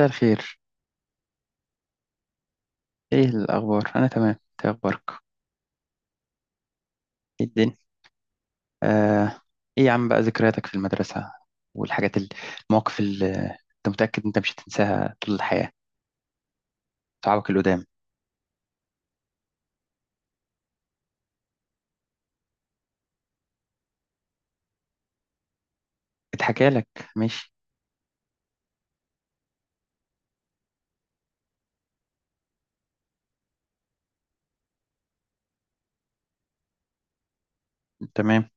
مساء الخير. ايه الاخبار؟ انا تمام، إنت إيه اخبارك؟ ايه الدنيا؟ آه. ايه يا عم بقى ذكرياتك في المدرسه والحاجات المواقف اللي انت متاكد انت مش هتنساها طول الحياه، صحابك القدام؟ اتحكى لك؟ ماشي. تمام.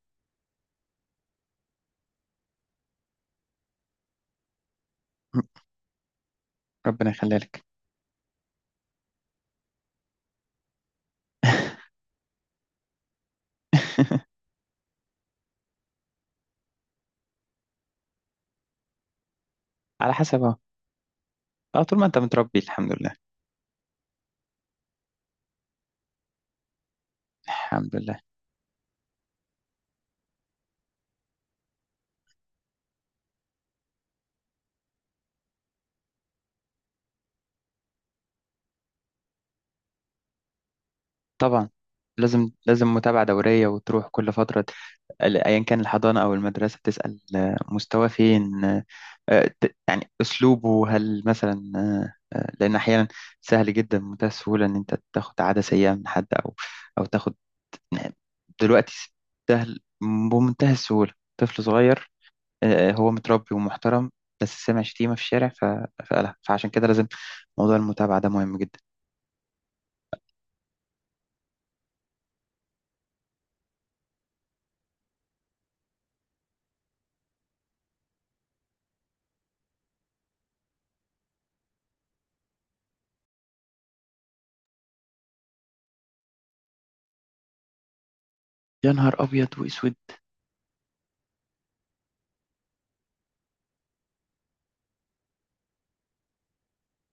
ربنا يخليها لك. على حسب اهو. اه، طول ما انت متربي الحمد لله. الحمد لله. طبعا، لازم لازم متابعة دورية وتروح كل فترة. ايا كان الحضانه او المدرسه تسال، مستواه فين، يعني اسلوبه هل مثلا، لان احيانا سهل جدا بمنتهى السهوله ان انت تاخد عاده سيئه من حد، او تاخد دلوقتي، سهل بمنتهى السهوله طفل صغير هو متربي ومحترم بس سمع شتيمه في الشارع فقالها، فعشان كده لازم موضوع المتابعه ده مهم جدا. يا نهار ابيض واسود.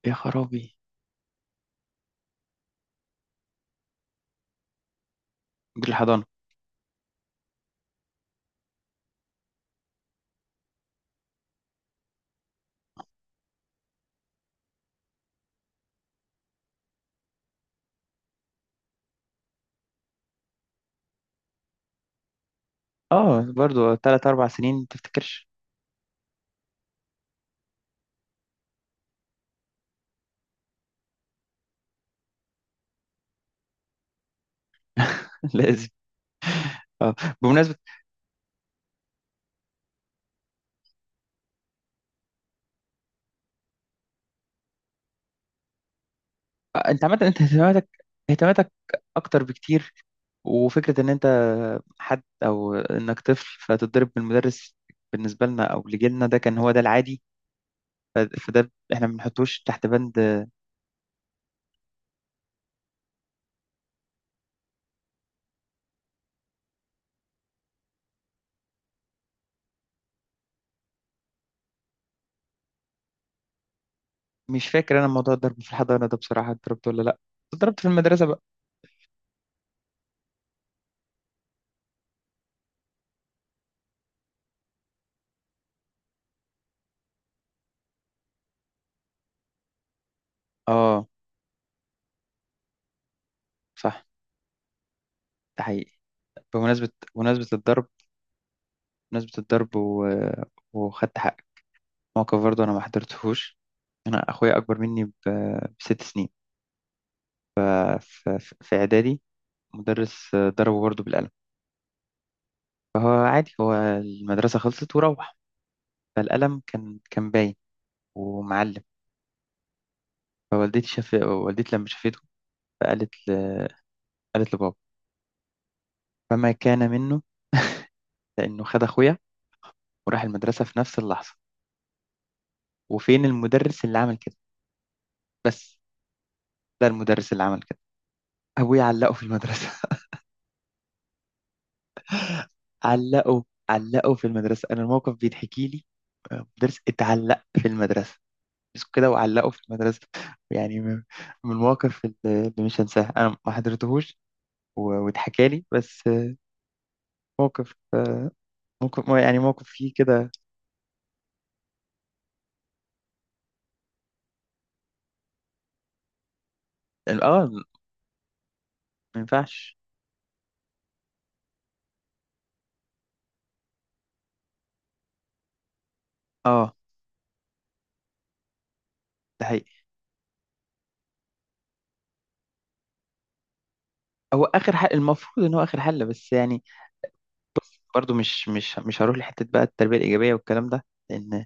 يا خرابي. دي الحضانه؟ اه برضو 3 أو 4 سنين ما تفتكرش. لازم. اه. بمناسبة انت عامة، انت اهتماماتك اكتر بكتير، وفكرة ان انت حد او انك طفل فتتضرب من المدرس، بالنسبة لنا او لجيلنا ده كان هو ده العادي. فده احنا ما بنحطوش تحت بند. مش فاكر انا موضوع الضرب في الحضانة ده، بصراحة اتضربت ولا لا؟ اتضربت في المدرسة بقى. اه. صح. ده حقيقي. بمناسبة بمناسبة الضرب، بمناسبة الضرب و... وخدت حقك. موقف برضه انا ما حضرتهوش. أنا أخويا أكبر مني بـ6 سنين، في إعدادي. مدرس ضربه برضه بالقلم، فهو عادي، هو المدرسة خلصت وروح. فالقلم كان باين ومعلم، فوالدتي شاف والدتي لما شافته، فقالت ل... قالت لبابا. فما كان منه لأنه خد أخويا وراح المدرسة في نفس اللحظة. وفين المدرس اللي عمل كده؟ بس، ده المدرس اللي عمل كده. أبويا علقه في المدرسة. علقه، علقه في المدرسة. أنا الموقف بيتحكي لي، مدرس اتعلق في المدرسة كده، وعلقه في المدرسة. يعني من المواقف اللي مش هنساها. أنا ما حضرتهوش، واتحكى لي بس. موقف آه، موقف يعني موقف فيه كده. اه. ما ينفعش. اه، ده حقيقي. هو اخر حل، المفروض ان هو اخر حل بس يعني. برضو، مش هروح لحته بقى التربيه الايجابيه والكلام ده، لان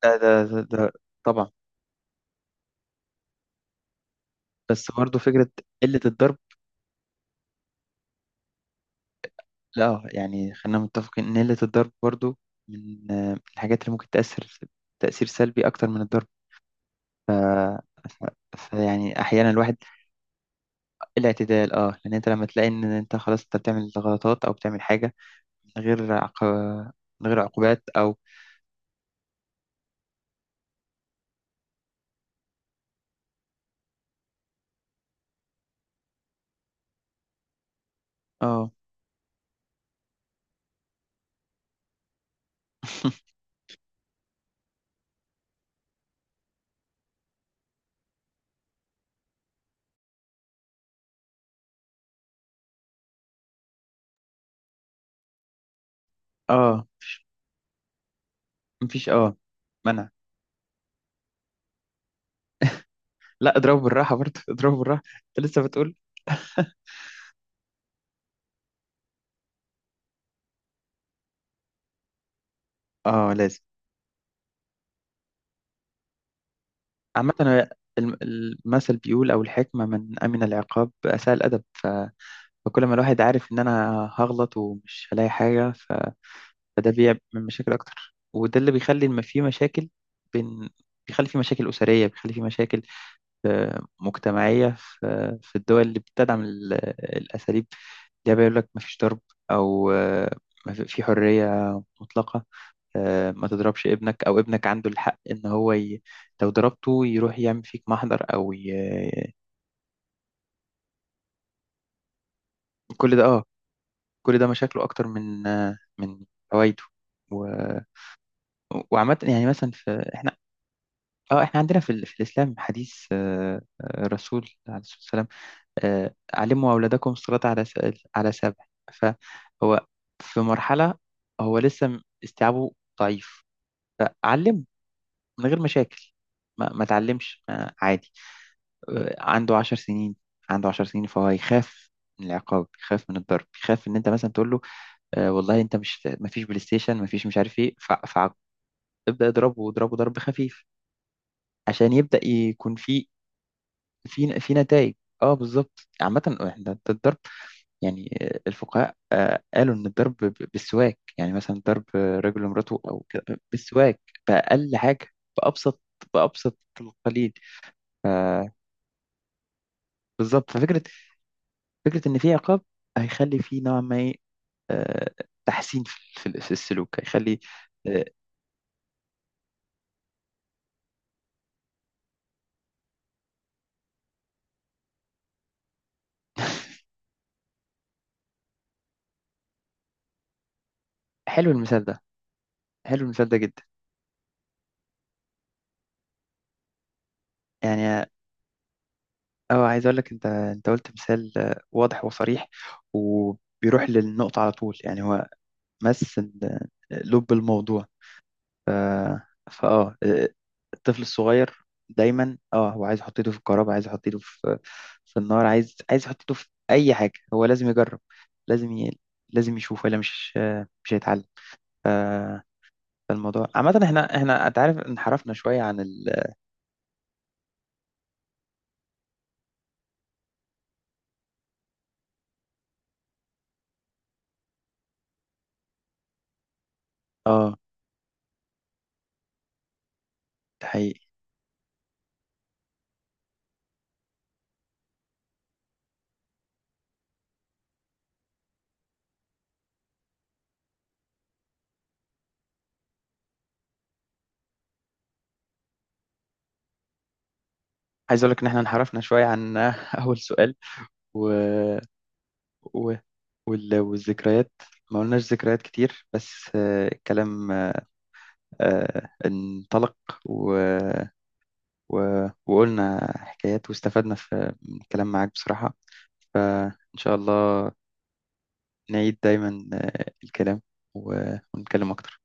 ده. طبعا. بس برضو فكره قله الضرب. لا يعني خلينا متفقين ان قله الضرب برضو من الحاجات اللي ممكن تاثر تاثير سلبي اكتر من الضرب. ف... ف... فيعني احيانا الواحد الاعتدال. اه، لان انت لما تلاقي ان انت خلاص انت بتعمل غلطات او بتعمل حاجه من غير عق... من غير عقوبات او... اه اه، مفيش منع. لا، اضربه بالراحه برضه. اضربه بالراحه. انت لسه بتقول؟ اه لازم. عامة هو المثل بيقول، أو الحكمة، من أمن العقاب أساء الأدب. فكل ما الواحد عارف إن أنا هغلط ومش هلاقي حاجة، فده بيعمل مشاكل اكتر، وده اللي بيخلي ما في مشاكل بين بيخلي في مشاكل أسرية، بيخلي في مشاكل مجتمعية. في الدول اللي بتدعم الأساليب، ده بيقول لك مفيش ضرب، أو في حرية مطلقة. ما تضربش ابنك، أو ابنك عنده الحق إن هو لو ضربته يروح يعمل فيك محضر، كل ده مشاكله أكتر من من فوائده. و... وعامة يعني مثلا في. اه، احنا عندنا في الاسلام حديث، الرسول عليه الصلاه والسلام، علموا اولادكم الصلاه على 7. فهو في مرحله هو لسه استيعابه ضعيف، فعلمه من غير مشاكل. ما تعلمش، ما عادي. عنده 10 سنين. عنده 10 سنين فهو يخاف من العقاب، يخاف من الضرب، يخاف ان انت مثلا تقول له والله انت مش، ما فيش بلاي ستيشن، ما فيش مش عارف ايه، فابدا اضربه واضربه ضرب خفيف عشان يبدأ يكون في نتائج. اه بالظبط. عامة احنا ده الضرب، يعني الفقهاء قالوا ان الضرب بالسواك، يعني مثلا ضرب رجل امرأته او كده بالسواك، بأقل حاجة، بأبسط بأبسط القليل. بالظبط، فكرة ان في عقاب هيخلي في نوع ما، إيه، آه، تحسين في السلوك، هيخلي آه، حلو المثال ده حلو المثال ده جدا، يعني. اه، عايز اقول لك، انت قلت مثال واضح وصريح، وبيروح للنقطة على طول. يعني هو مس لب الموضوع. ف... فاه الطفل الصغير دايما، هو عايز يحط ايده في الكهرباء، عايز يحط ايده في النار، عايز يحط ايده في اي حاجه. هو لازم يجرب، لازم لازم يشوف، ولا مش هيتعلم. ف... فالموضوع عامه، احنا انت عارف انحرفنا شويه عن. اه ده حقيقي. عايز اقول لك ان احنا انحرفنا شويه عن اول سؤال، و... و... والذكريات ما قلناش ذكريات كتير، بس الكلام انطلق، و... و... وقلنا حكايات، واستفدنا في من الكلام معاك بصراحة. فإن شاء الله نعيد دايما الكلام، و... ونتكلم أكتر.